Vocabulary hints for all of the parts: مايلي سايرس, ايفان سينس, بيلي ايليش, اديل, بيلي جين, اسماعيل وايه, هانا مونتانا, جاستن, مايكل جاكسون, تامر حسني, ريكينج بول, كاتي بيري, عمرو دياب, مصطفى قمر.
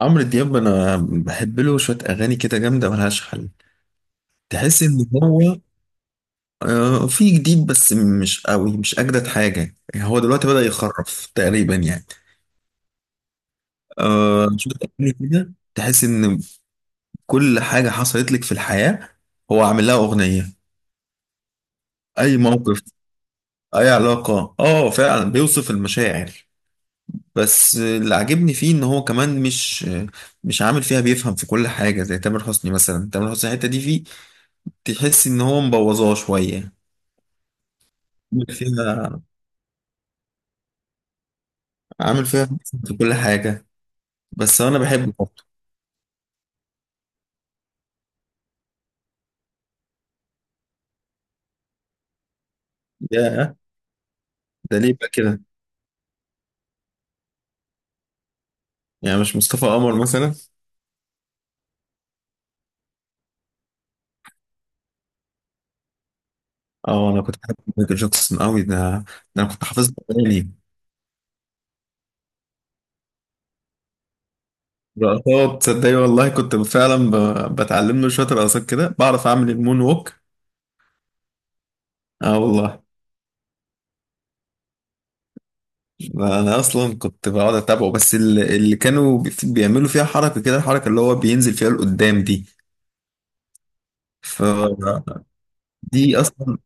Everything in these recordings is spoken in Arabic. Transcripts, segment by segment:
عمرو دياب انا بحب له شويه اغاني كده جامده ملهاش حل. تحس ان هو في جديد بس مش قوي، مش اجدد حاجه يعني، هو دلوقتي بدأ يخرف تقريبا يعني. شويه اغاني كده تحس ان كل حاجه حصلت لك في الحياه هو عامل لها اغنيه، اي موقف اي علاقه، اه فعلا بيوصف المشاعر. بس اللي عاجبني فيه ان هو كمان مش عامل فيها بيفهم في كل حاجه زي تامر حسني مثلا. تامر حسني الحته دي فيه، تحس ان هو مبوظاه شويه، عامل فيها عامل فيها في كل حاجة. بس أنا بحبه برضه. يا، ده ليه بقى كده؟ يعني مش مصطفى قمر مثلا؟ اه، أنا كنت بحب مايكل جاكسون قوي. ده أنا كنت حافظ أغاني. رقصات، تصدقي والله كنت فعلا بتعلم له شوية رقصات كده، بعرف أعمل المون ووك. اه والله. ده أنا أصلا كنت بقعد أتابعه، بس اللي كانوا بيعملوا فيها حركة كده، الحركة اللي هو بينزل فيها لقدام دي. فدي أصلا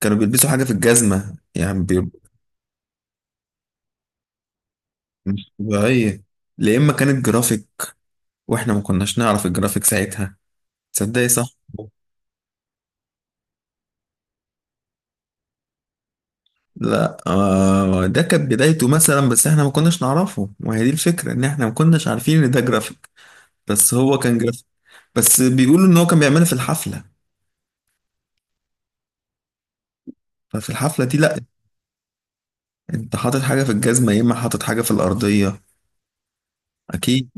كانوا بيلبسوا حاجة في الجزمة يعني، مش طبيعية. لا، إما كانت جرافيك، وإحنا ما كناش نعرف الجرافيك ساعتها. تصدقي؟ صح؟ لا آه، ده كانت بدايته مثلا، بس إحنا ما كناش نعرفه، وهي دي الفكرة، إن إحنا ما كناش عارفين إن ده جرافيك. بس هو كان جرافيك. بس بيقولوا إن هو كان بيعملها في الحفلة. ففي الحفلة دي لأ. أنت حاطط حاجة في الجزمة، يا إما حاطط حاجة في الأرضية. أكيد.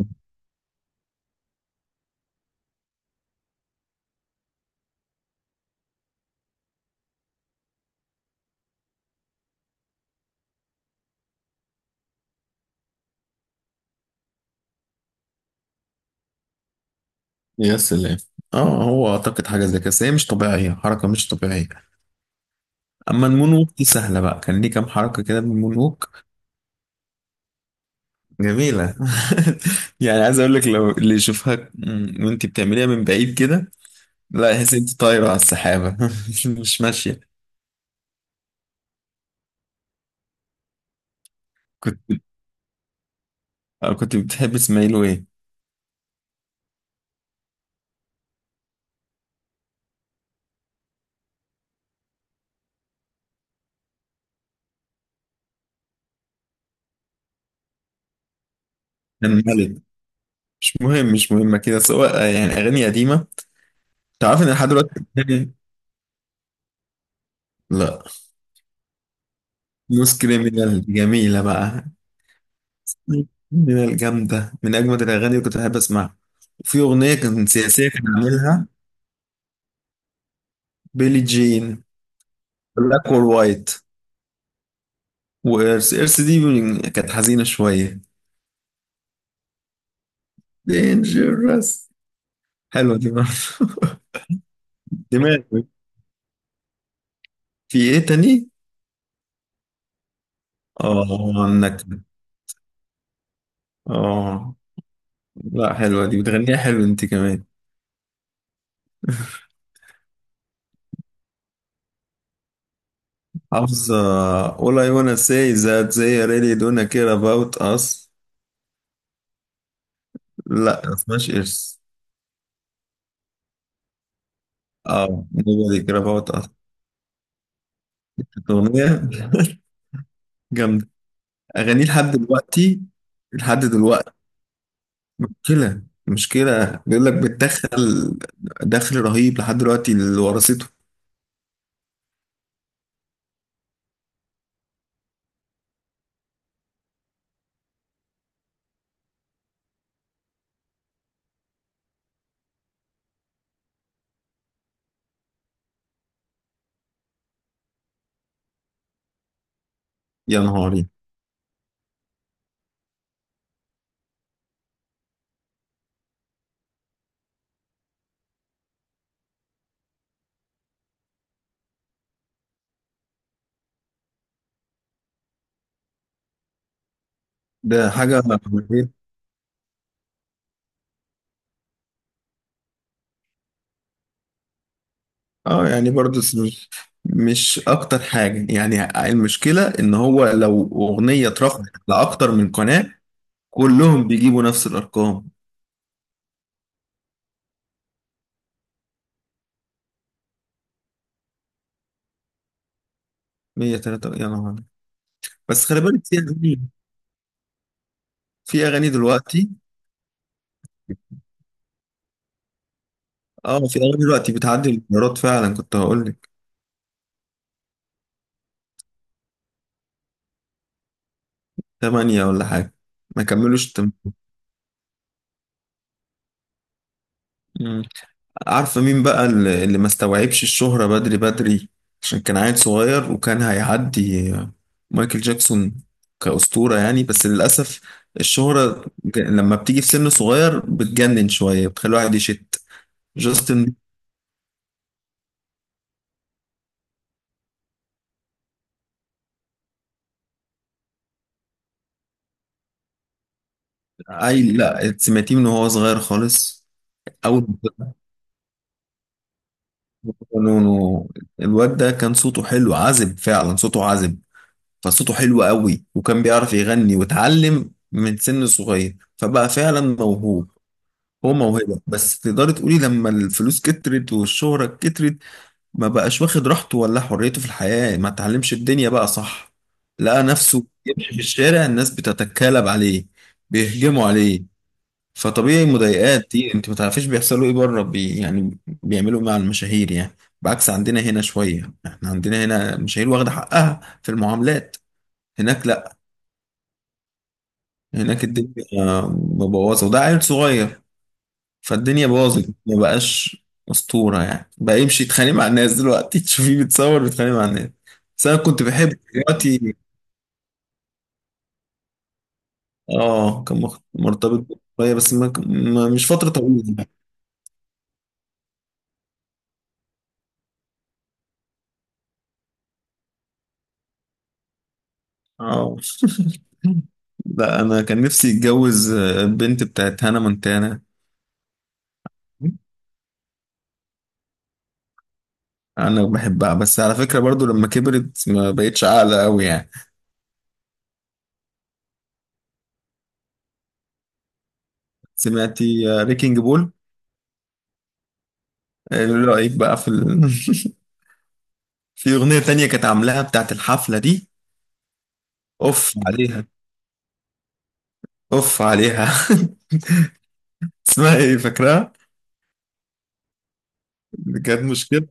يا سلام. اه، هو اعتقد حاجه زي كده، بس هي مش طبيعيه، حركه مش طبيعيه. اما المون ووك دي سهله بقى، كان ليه كام حركه كده بالمونوك. جميلة. يعني عايز اقول لك، لو اللي يشوفها وانت بتعمليها من بعيد كده لا يحس انت طايرة على السحابة، مش ماشية. كنت، أو كنت بتحب اسماعيل وايه؟ كان ملك. مش مهم، مش مهمة كده، سواء يعني اغاني قديمة. تعرف ان لحد دلوقتي أغاني-. لا. نص كريمينال، جميلة بقى. نوس كريمينال جامدة، من اجمد الاغاني اللي كنت بحب اسمعها. وفي اغنية كانت سياسية كان عاملها. بيلي جين. بلاك اور وايت. وإرث، إرث دي كانت حزينة شوية. دينجرس، حلوة دي برضه. دماغي، في ايه تاني؟ اه النكد. اه. لا، حلوة دي، بتغنيها حلو انت كمان. حافظة all I wanna say is that they really don't care about us. لا، ما اسمهاش إرس. اه، nobody care about us. كانت أغنية جامدة. أغانيه لحد دلوقتي، لحد دلوقتي. مشكلة، مشكلة بيقول لك بتدخل. دخل رهيب لحد دلوقتي، اللي ورثته. يا نهاري. ده حاجة. اه يعني برضه مش اكتر حاجة، يعني المشكلة ان هو لو اغنية اترفعت لاكتر من قناة، كلهم بيجيبوا نفس الارقام. 103، يا نهار. بس خلي بالك، في اغاني دلوقتي. اه، في اغاني دلوقتي بتعدي المليارات فعلا، كنت هقول لك. 8 ولا حاجة، ما كملوش 8. عارفة مين بقى اللي ما استوعبش الشهرة بدري بدري؟ عشان كان عيل صغير وكان هيعدي مايكل جاكسون كأسطورة يعني، بس للأسف الشهرة لما بتيجي في سن صغير بتجنن شوية، بتخلي الواحد يشت. جاستن. عيل، لا سمعتيه من وهو صغير خالص. أول ما كانوا- الواد ده كان صوته حلو عذب فعلا، صوته عذب، فصوته حلو قوي، وكان بيعرف يغني واتعلم من سن صغير، فبقى فعلا موهوب. هو موهبة، بس تقدري تقولي لما الفلوس كترت والشهرة كترت ما بقاش واخد راحته ولا حريته في الحياة، ما تعلمش الدنيا بقى، صح. لقى نفسه يمشي في الشارع، الناس بتتكالب عليه، بيهجموا عليه. فطبيعي، مضايقات دي انت ما تعرفيش بيحصلوا ايه بره بي، يعني بيعملوا إيه مع المشاهير يعني، بعكس عندنا هنا شوية. احنا عندنا هنا المشاهير واخدة حقها في المعاملات، هناك لا. هناك الدنيا مبوظة، وده عيل صغير، فالدنيا باظت، ما بقاش اسطوره، يعني بقى يمشي يتخانق مع الناس، دلوقتي تشوفيه بيتصور بيتخانق مع الناس. بس انا كنت بحب دلوقتي. اه كان مرتبط شويه، بس مش فتره طويله يعني. اه. لا، انا كان نفسي اتجوز البنت بتاعت هانا مونتانا. انا بحبها، بس على فكره برضو لما كبرت ما بقتش عاقله قوي يعني. سمعتي ريكينج بول؟ ايه رايك بقى في ال...؟ في اغنيه تانية كانت عاملاها بتاعت الحفله دي. اوف عليها، اوف عليها. اسمها ايه؟ فاكرها؟ كانت مشكله.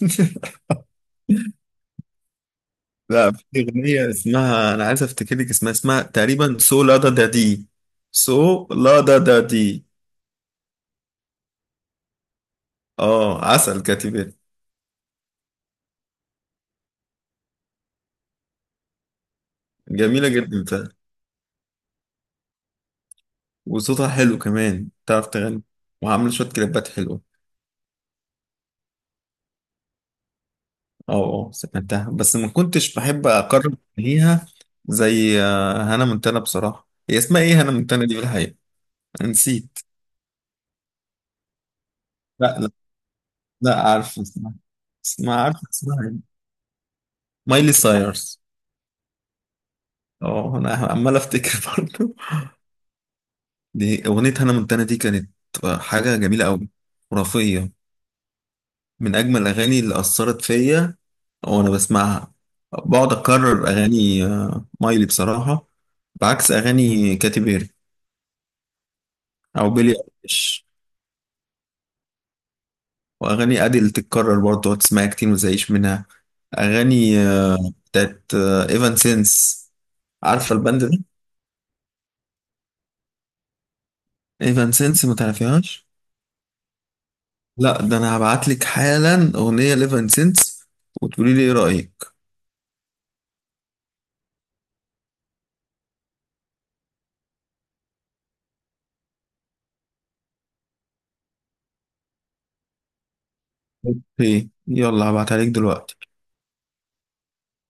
لا، في اغنيه اسمها، انا عايز افتكر لك اسمها، اسمها تقريبا سو لا دا دا دي، سو لا دا دا دي. اه، عسل كاتبة. جميله جدا فعلا. وصوتها حلو كمان، تعرف تغني. وعامله شويه كليبات حلوه. اه اه، سمعتها بس ما كنتش بحب اقرب ليها. زي هانا منتنه بصراحه، هي اسمها ايه هانا منتنه دي في الحقيقه؟ نسيت. لا، لا عارفه بصراحة، بس ما عارفه اسمها يعني. مايلي سايرس. اه، انا عمال افتكر برضه. دي اغنيه هانا مونتانا دي كانت حاجه جميله قوي، خرافيه، من اجمل الاغاني اللي اثرت فيا وانا بسمعها. بقعد اكرر اغاني مايلي بصراحه، بعكس اغاني كاتي بيري او بيلي ايليش. واغاني اديل تتكرر برضه، تقعد تسمعها كتير ما تزهقش منها. اغاني بتاعت ايفان سينس، عارفه الباند ده؟ ايفان سينس، ما تعرفيهاش؟ لا، ده انا هبعت لك حالا اغنيه ليفن سينس، وتقولي لي ايه رايك. ايه، يلا هبعتها لك دلوقتي.